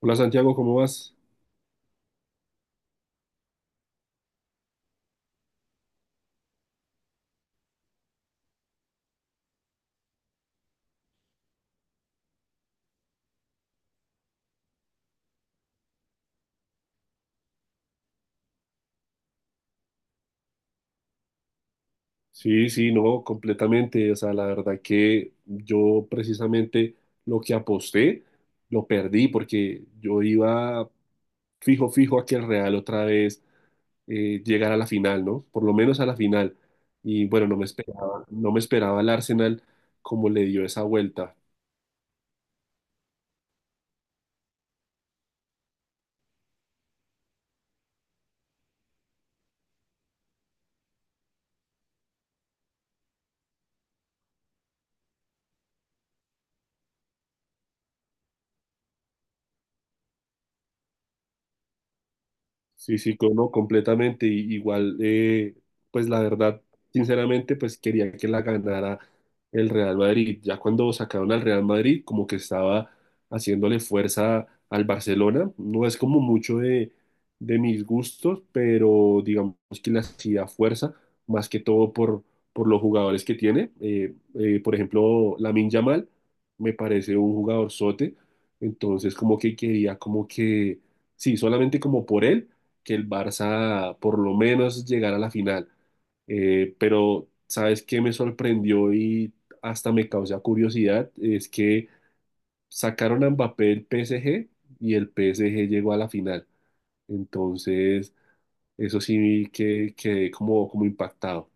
Hola Santiago, ¿cómo vas? Sí, sí, no, completamente. O sea, la verdad que yo precisamente lo que aposté lo perdí porque yo iba fijo a que el Real otra vez llegara a la final, ¿no? Por lo menos a la final. Y bueno, no me esperaba el Arsenal como le dio esa vuelta. Sí, sí, no, completamente. Y, igual, pues la verdad, sinceramente, pues quería que la ganara el Real Madrid. Ya cuando sacaron al Real Madrid, como que estaba haciéndole fuerza al Barcelona. No es como mucho de mis gustos, pero digamos que le hacía fuerza, más que todo por los jugadores que tiene. Por ejemplo, Lamine Yamal me parece un jugador sote. Entonces, como que quería, como que, sí, solamente como por él que el Barça por lo menos llegara a la final. Pero, ¿sabes qué me sorprendió y hasta me causa curiosidad? Es que sacaron a Mbappé el PSG y el PSG llegó a la final. Entonces, eso sí que quedé como, como impactado.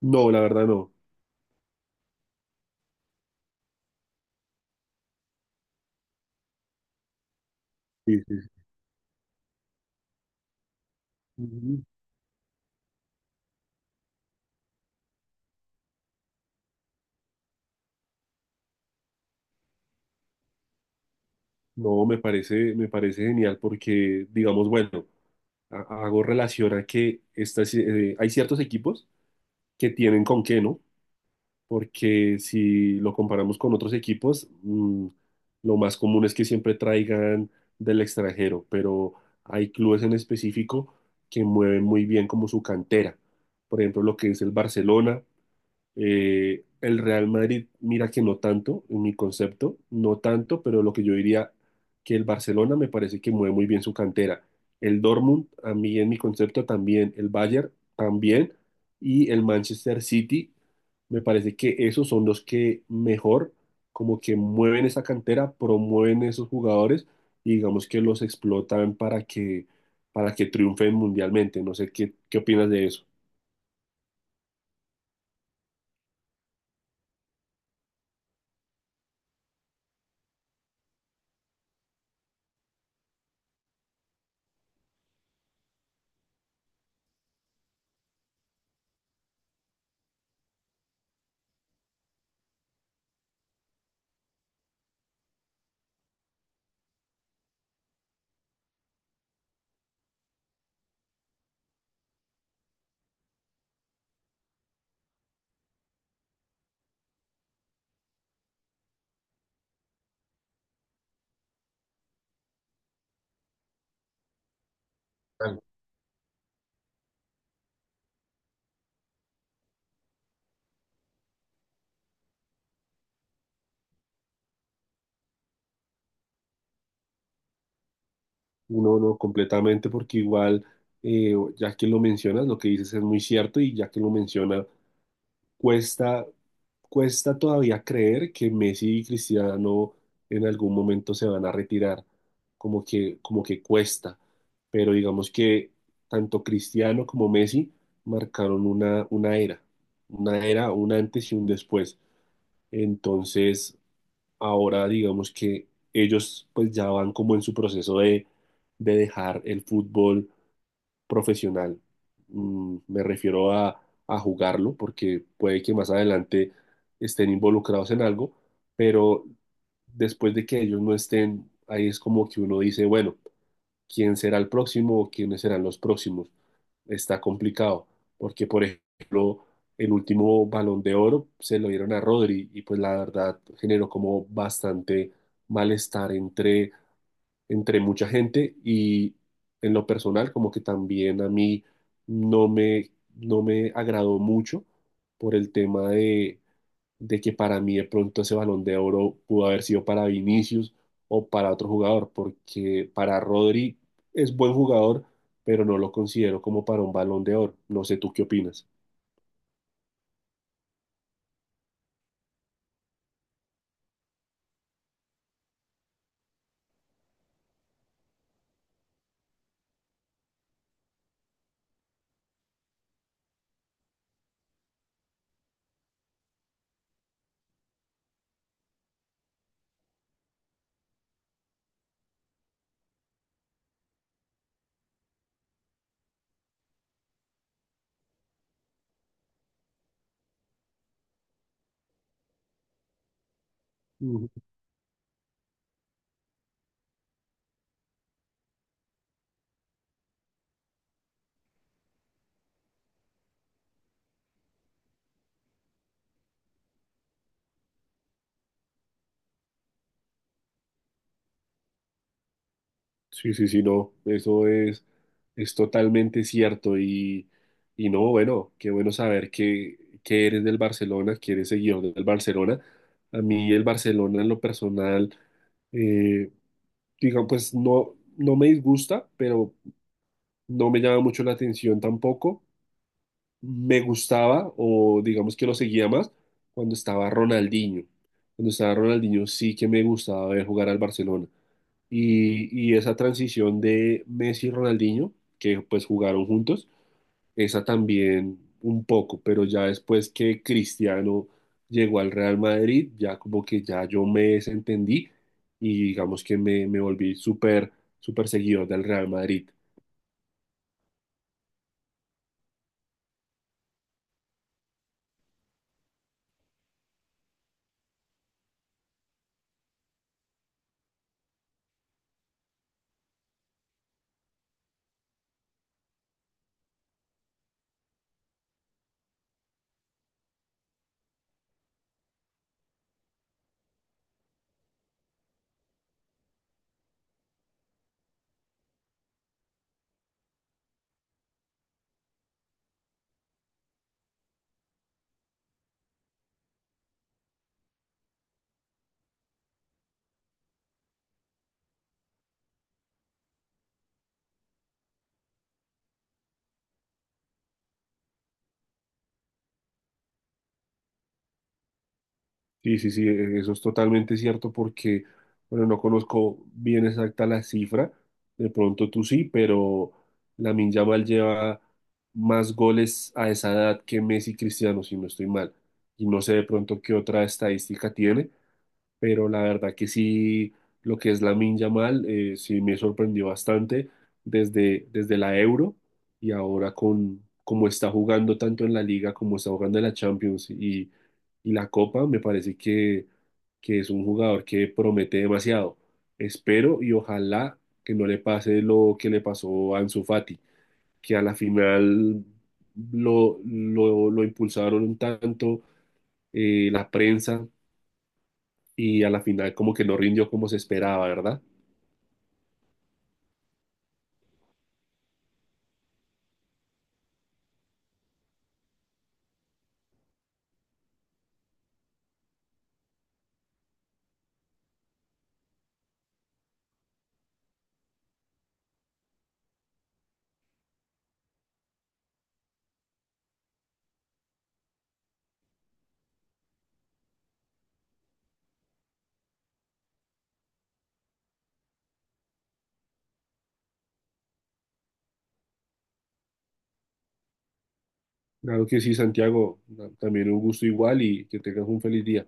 No, la verdad no. Sí, sí, sí. Ujú. No, me parece genial porque, digamos, bueno, hago relación a que estas, hay ciertos equipos que tienen con qué, ¿no? Porque si lo comparamos con otros equipos, lo más común es que siempre traigan del extranjero, pero hay clubes en específico que mueven muy bien como su cantera. Por ejemplo, lo que es el Barcelona, el Real Madrid, mira que no tanto, en mi concepto, no tanto, pero lo que yo diría que el Barcelona me parece que mueve muy bien su cantera. El Dortmund, a mí en mi concepto también, el Bayern también, y el Manchester City, me parece que esos son los que mejor, como que mueven esa cantera, promueven esos jugadores y digamos que los explotan para que triunfen mundialmente. No sé qué, qué opinas de eso. No, no, completamente, porque igual, ya que lo mencionas, lo que dices es muy cierto y ya que lo menciona, cuesta, cuesta todavía creer que Messi y Cristiano en algún momento se van a retirar, como que cuesta, pero digamos que tanto Cristiano como Messi marcaron una era, un antes y un después. Entonces, ahora digamos que ellos pues ya van como en su proceso de dejar el fútbol profesional. Mm, me refiero a jugarlo porque puede que más adelante estén involucrados en algo, pero después de que ellos no estén, ahí es como que uno dice, bueno, quién será el próximo o quiénes serán los próximos. Está complicado, porque por ejemplo, el último Balón de Oro se lo dieron a Rodri y pues la verdad generó como bastante malestar entre mucha gente y en lo personal como que también a mí no me, no me agradó mucho por el tema de que para mí de pronto ese Balón de Oro pudo haber sido para Vinicius o para otro jugador, porque para Rodri es buen jugador, pero no lo considero como para un Balón de Oro. No sé tú qué opinas. Ujú. Sí, sí, sí, no, es totalmente cierto y no, bueno, qué bueno saber que eres del Barcelona, que eres seguidor del Barcelona. A mí el Barcelona en lo personal, eh, digamos, pues no, no me disgusta, pero no me llama mucho la atención tampoco. Me gustaba, o digamos que lo seguía más, cuando estaba Ronaldinho. Cuando estaba Ronaldinho sí que me gustaba ver jugar al Barcelona. Y esa transición de Messi y Ronaldinho, que pues jugaron juntos, esa también un poco, pero ya después que Cristiano llegó al Real Madrid, ya como que ya yo me desentendí y digamos que me volví súper seguidor del Real Madrid. Sí, sí, sí, eso es totalmente cierto porque, bueno, no conozco bien exacta la cifra, de pronto tú sí, pero Lamine Yamal lleva más goles a esa edad que Messi y Cristiano, si no estoy mal, y no sé de pronto qué otra estadística tiene, pero la verdad que sí, lo que es Lamine Yamal, sí me sorprendió bastante desde la Euro y ahora con cómo está jugando tanto en la Liga como está jugando en la Champions y la Copa, me parece que es un jugador que promete demasiado. Espero y ojalá que no le pase lo que le pasó a Ansu Fati, que a la final lo impulsaron tanto la prensa y a la final como que no rindió como se esperaba, ¿verdad? Claro que sí, Santiago, también un gusto igual y que tengas un feliz día.